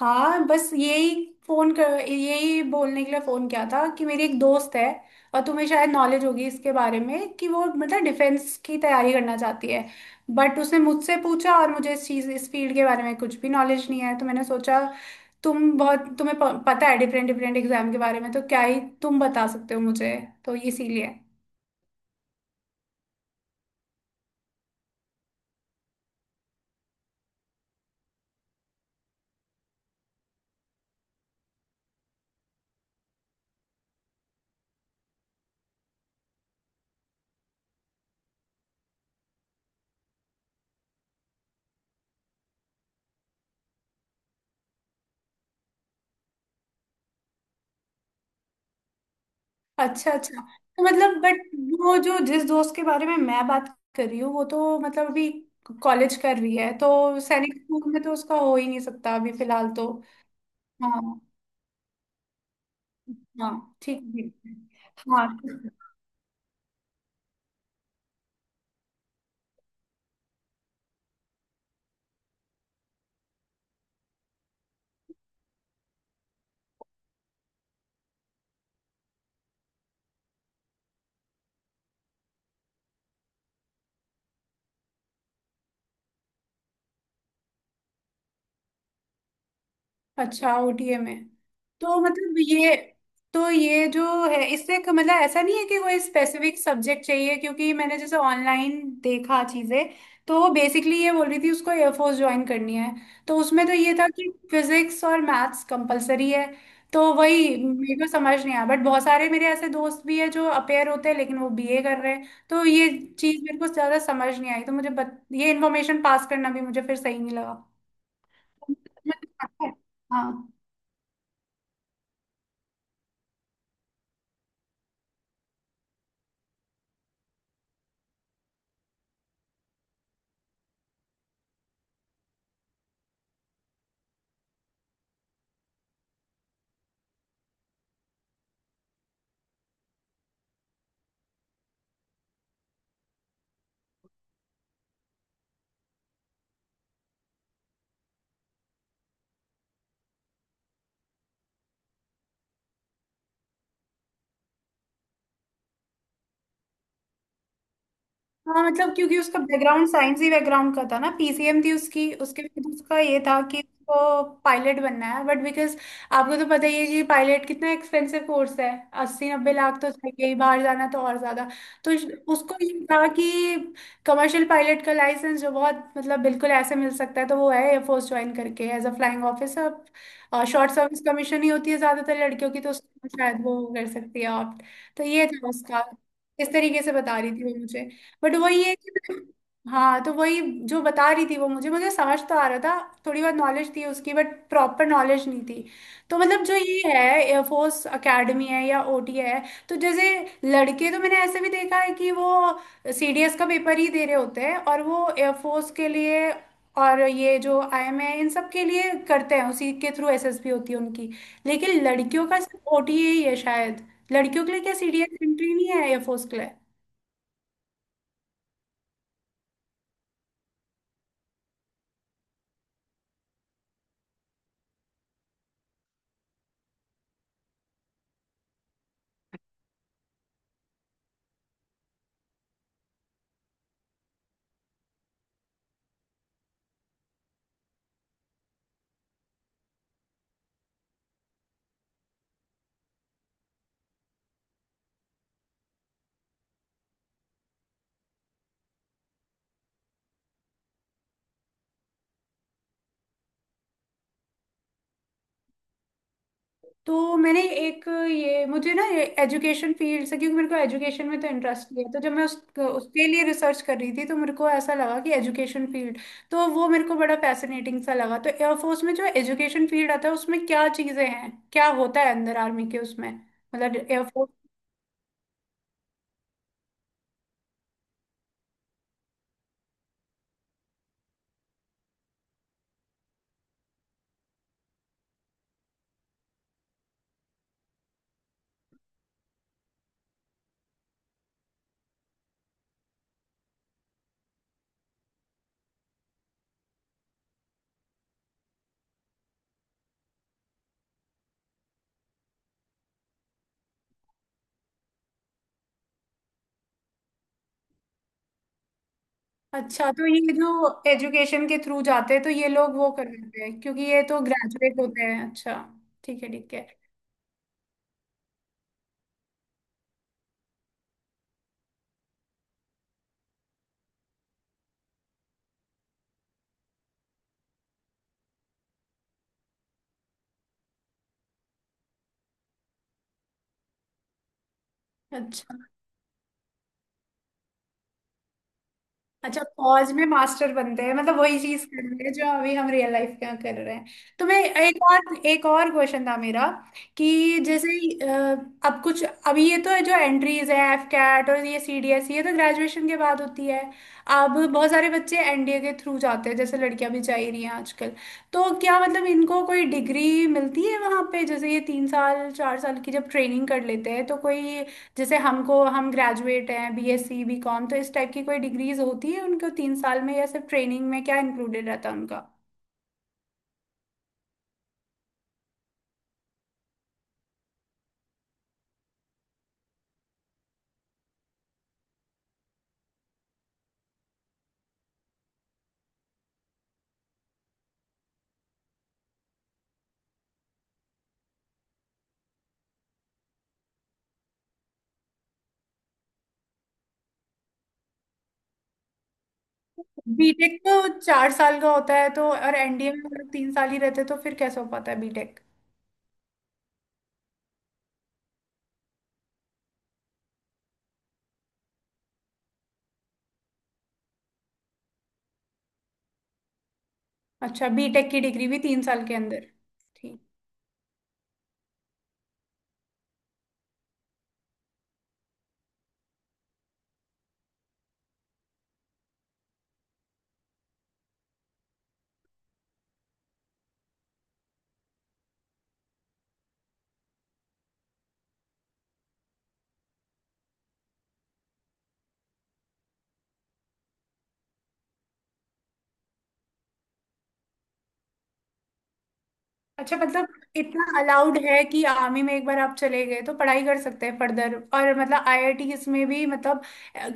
हाँ, बस यही फोन कर यही बोलने के लिए फोन किया था कि मेरी एक दोस्त है और तुम्हें शायद नॉलेज होगी इसके बारे में कि वो मतलब डिफेंस की तैयारी करना चाहती है। बट उसने मुझसे पूछा और मुझे इस चीज़ इस फील्ड के बारे में कुछ भी नॉलेज नहीं है तो मैंने सोचा तुम्हें पता है डिफरेंट डिफरेंट एग्जाम के बारे में, तो क्या ही तुम बता सकते हो मुझे, तो इसीलिए। अच्छा अच्छा। तो मतलब बट वो जो जिस दोस्त के बारे में मैं बात कर रही हूँ वो तो मतलब अभी कॉलेज कर रही है, तो सैनिक स्कूल में तो उसका हो ही नहीं सकता अभी फिलहाल तो। हाँ हाँ। ठीक ठीक। हाँ। अच्छा, ओटीए में। तो मतलब ये, तो ये जो है इससे मतलब ऐसा नहीं है कि कोई स्पेसिफिक सब्जेक्ट चाहिए, क्योंकि मैंने जैसे ऑनलाइन देखा चीजें, तो वो बेसिकली ये बोल रही थी उसको एयरफोर्स ज्वाइन करनी है। तो उसमें तो ये था कि फिजिक्स और मैथ्स कंपलसरी है, तो वही मेरे को समझ नहीं आया। बट बहुत सारे मेरे ऐसे दोस्त भी हैं जो अपेयर होते हैं लेकिन वो बीए कर रहे हैं, तो ये चीज मेरे को ज्यादा समझ नहीं आई, तो मुझे ये इन्फॉर्मेशन पास करना भी मुझे फिर सही नहीं लगा। हाँ। हाँ मतलब क्योंकि उसका बैकग्राउंड साइंस ही बैकग्राउंड का था ना, पीसीएम थी उसकी। उसके बाद उसका ये था कि उसको पायलट बनना है, बट बिकॉज आपको तो पता ही है कि पायलट कितना एक्सपेंसिव कोर्स है। 80-90 लाख तो चाहिए ही, बाहर जाना तो और ज्यादा। तो इस- उसको ये था कि कमर्शियल पायलट का लाइसेंस जो बहुत मतलब बिल्कुल ऐसे मिल सकता है, तो वो है एयरफोर्स ज्वाइन करके एज अ फ्लाइंग ऑफिसर। और शॉर्ट सर्विस कमीशन ही होती है ज्यादातर लड़कियों की, तो उसको शायद वो कर सकती है आप। तो ये था उसका, इस तरीके से बता रही थी वो मुझे। बट वही है कि, हाँ तो वही जो बता रही थी वो मुझे, मुझे समझ तो आ रहा था, थोड़ी बहुत नॉलेज थी उसकी बट प्रॉपर नॉलेज नहीं थी। तो मतलब जो ये है एयरफोर्स एकेडमी है या ओटी है, तो जैसे लड़के तो मैंने ऐसे भी देखा है कि वो सीडीएस का पेपर ही दे रहे होते हैं और वो एयरफोर्स के लिए, और ये जो आईएम है इन सब के लिए करते हैं उसी के थ्रू एसएसबी होती है उनकी। लेकिन लड़कियों का सिर्फ ओटी ही है शायद। लड़कियों के लिए क्या सीडीएस एंट्री नहीं है एयरफोर्स के लिए? तो मैंने एक, ये मुझे ना ये एजुकेशन फील्ड से, क्योंकि मेरे को एजुकेशन में तो इंटरेस्ट है, तो जब मैं उस उसके लिए रिसर्च कर रही थी तो मेरे को ऐसा लगा कि एजुकेशन फील्ड, तो वो मेरे को बड़ा फैसिनेटिंग सा लगा। तो एयरफोर्स में जो एजुकेशन फील्ड आता है उसमें क्या चीज़ें हैं, क्या होता है अंदर आर्मी के उसमें, मतलब एयरफोर्स। अच्छा, तो ये जो एजुकेशन के थ्रू जाते हैं तो ये लोग वो कर लेते हैं क्योंकि ये तो ग्रेजुएट होते हैं, अच्छा। ठीक है ठीक है। अच्छा अच्छा, पॉज में मास्टर बनते हैं मतलब वही चीज कर रहे हैं जो अभी हम रियल लाइफ में कर रहे हैं। तो मैं, एक और क्वेश्चन था मेरा, कि जैसे अ, अब कुछ अभी ये तो जो एंट्रीज है एफ कैट और ये सी डी एस ये तो ग्रेजुएशन के बाद होती है। अब बहुत सारे बच्चे एनडीए के थ्रू जाते हैं, जैसे लड़कियां भी जा ही रही हैं आजकल। तो क्या मतलब इनको कोई डिग्री मिलती है वहां पे, जैसे ये 3 साल 4 साल की जब ट्रेनिंग कर लेते हैं तो कोई, जैसे हमको, हम ग्रेजुएट हैं बीएससी बीकॉम, तो इस टाइप की कोई डिग्रीज होती है उनको 3 साल में, या सिर्फ ट्रेनिंग में क्या इंक्लूडेड रहता है उनका? बीटेक तो 4 साल का होता है तो, और एनडीए में हम लोग 3 साल ही रहते, तो फिर कैसे हो पाता है बीटेक? अच्छा, बीटेक की डिग्री भी 3 साल के अंदर। ठीक। अच्छा मतलब इतना अलाउड है कि आर्मी में एक बार आप चले गए तो पढ़ाई कर सकते हैं फर्दर, और मतलब आईआईटीज में भी मतलब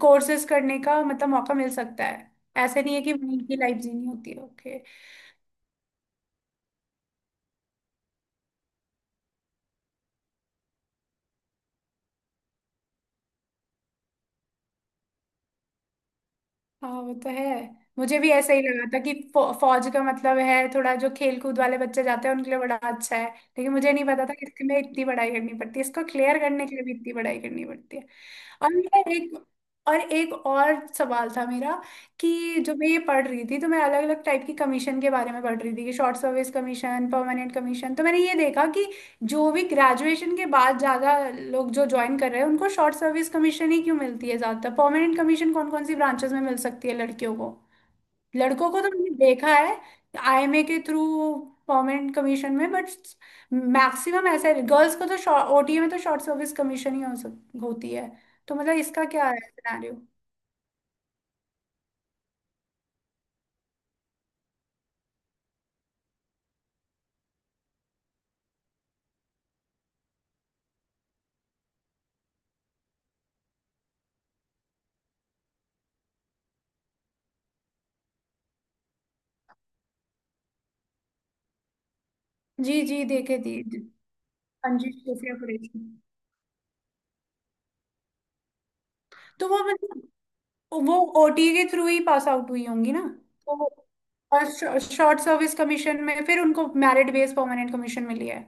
कोर्सेज करने का मतलब मौका मिल सकता है, ऐसे नहीं है कि वहीं की लाइफ जीनी होती है, ओके। हाँ वो तो है, मुझे भी ऐसा ही लगा था कि फौज का मतलब है थोड़ा जो खेल कूद वाले बच्चे जाते हैं उनके लिए बड़ा अच्छा है, लेकिन मुझे नहीं पता था कि इसमें इतनी पढ़ाई करनी पड़ती है, इसको क्लियर करने के लिए भी इतनी पढ़ाई करनी पड़ती है। और मेरा एक, और एक और सवाल था मेरा कि जो मैं ये पढ़ रही थी, तो मैं अलग अलग टाइप की कमीशन के बारे में पढ़ रही थी कि short service commission, permanent commission. तो मैंने ये देखा कि जो भी ग्रेजुएशन के बाद ज़्यादा लोग जो ज्वाइन कर रहे हैं उनको शॉर्ट सर्विस कमीशन ही क्यों मिलती है ज़्यादातर, परमानेंट कमीशन कौन कौन सी ब्रांचेस में मिल सकती है लड़कियों को? लड़कों को तो मैंने देखा है आईएमए के थ्रू परमानेंट कमीशन में, बट मैक्सिमम ऐसा है गर्ल्स को तो ओटीए में तो शॉर्ट सर्विस कमीशन ही होती है। तो मतलब इसका क्या है सिनेरियो? जी जी देखे थी। अंजी खुफिया कुरैशी। तो वो मतलब वो ओटीए के थ्रू ही पास आउट हुई होंगी ना? तो, और शॉर्ट सर्विस कमीशन में फिर उनको मेरिट बेस्ड परमानेंट कमीशन मिली है।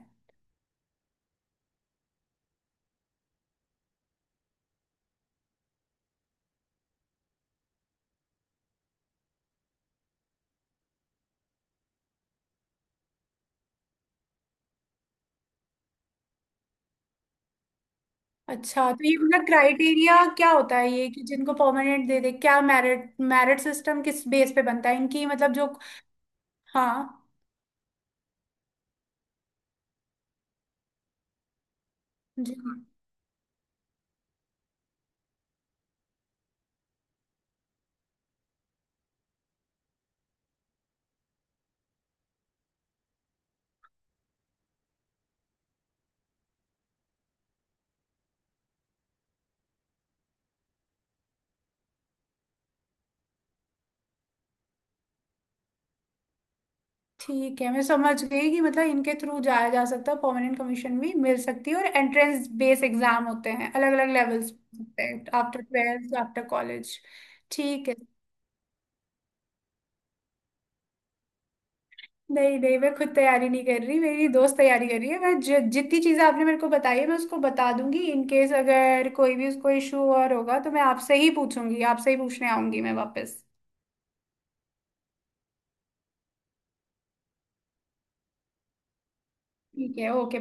अच्छा, तो ये मतलब क्राइटेरिया क्या होता है ये कि जिनको परमानेंट दे दे, क्या मेरिट, मेरिट सिस्टम किस बेस पे बनता है इनकी, मतलब जो। हाँ। जी हाँ। ठीक है, मैं समझ गई कि मतलब इनके थ्रू जाया जा सकता है, परमानेंट कमीशन भी मिल सकती है और एंट्रेंस बेस एग्जाम होते हैं, अलग अलग लेवल्स होते हैं आफ्टर ट्वेल्थ आफ्टर कॉलेज। ठीक है, नहीं नहीं मैं खुद तैयारी नहीं कर रही, मेरी दोस्त तैयारी कर रही है। मैं जितनी चीजें आपने मेरे को बताई है मैं उसको बता दूंगी, इन केस अगर कोई भी उसको इशू और होगा तो मैं आपसे ही पूछूंगी, आपसे ही पूछने आऊंगी मैं वापस। ठीक है ओके।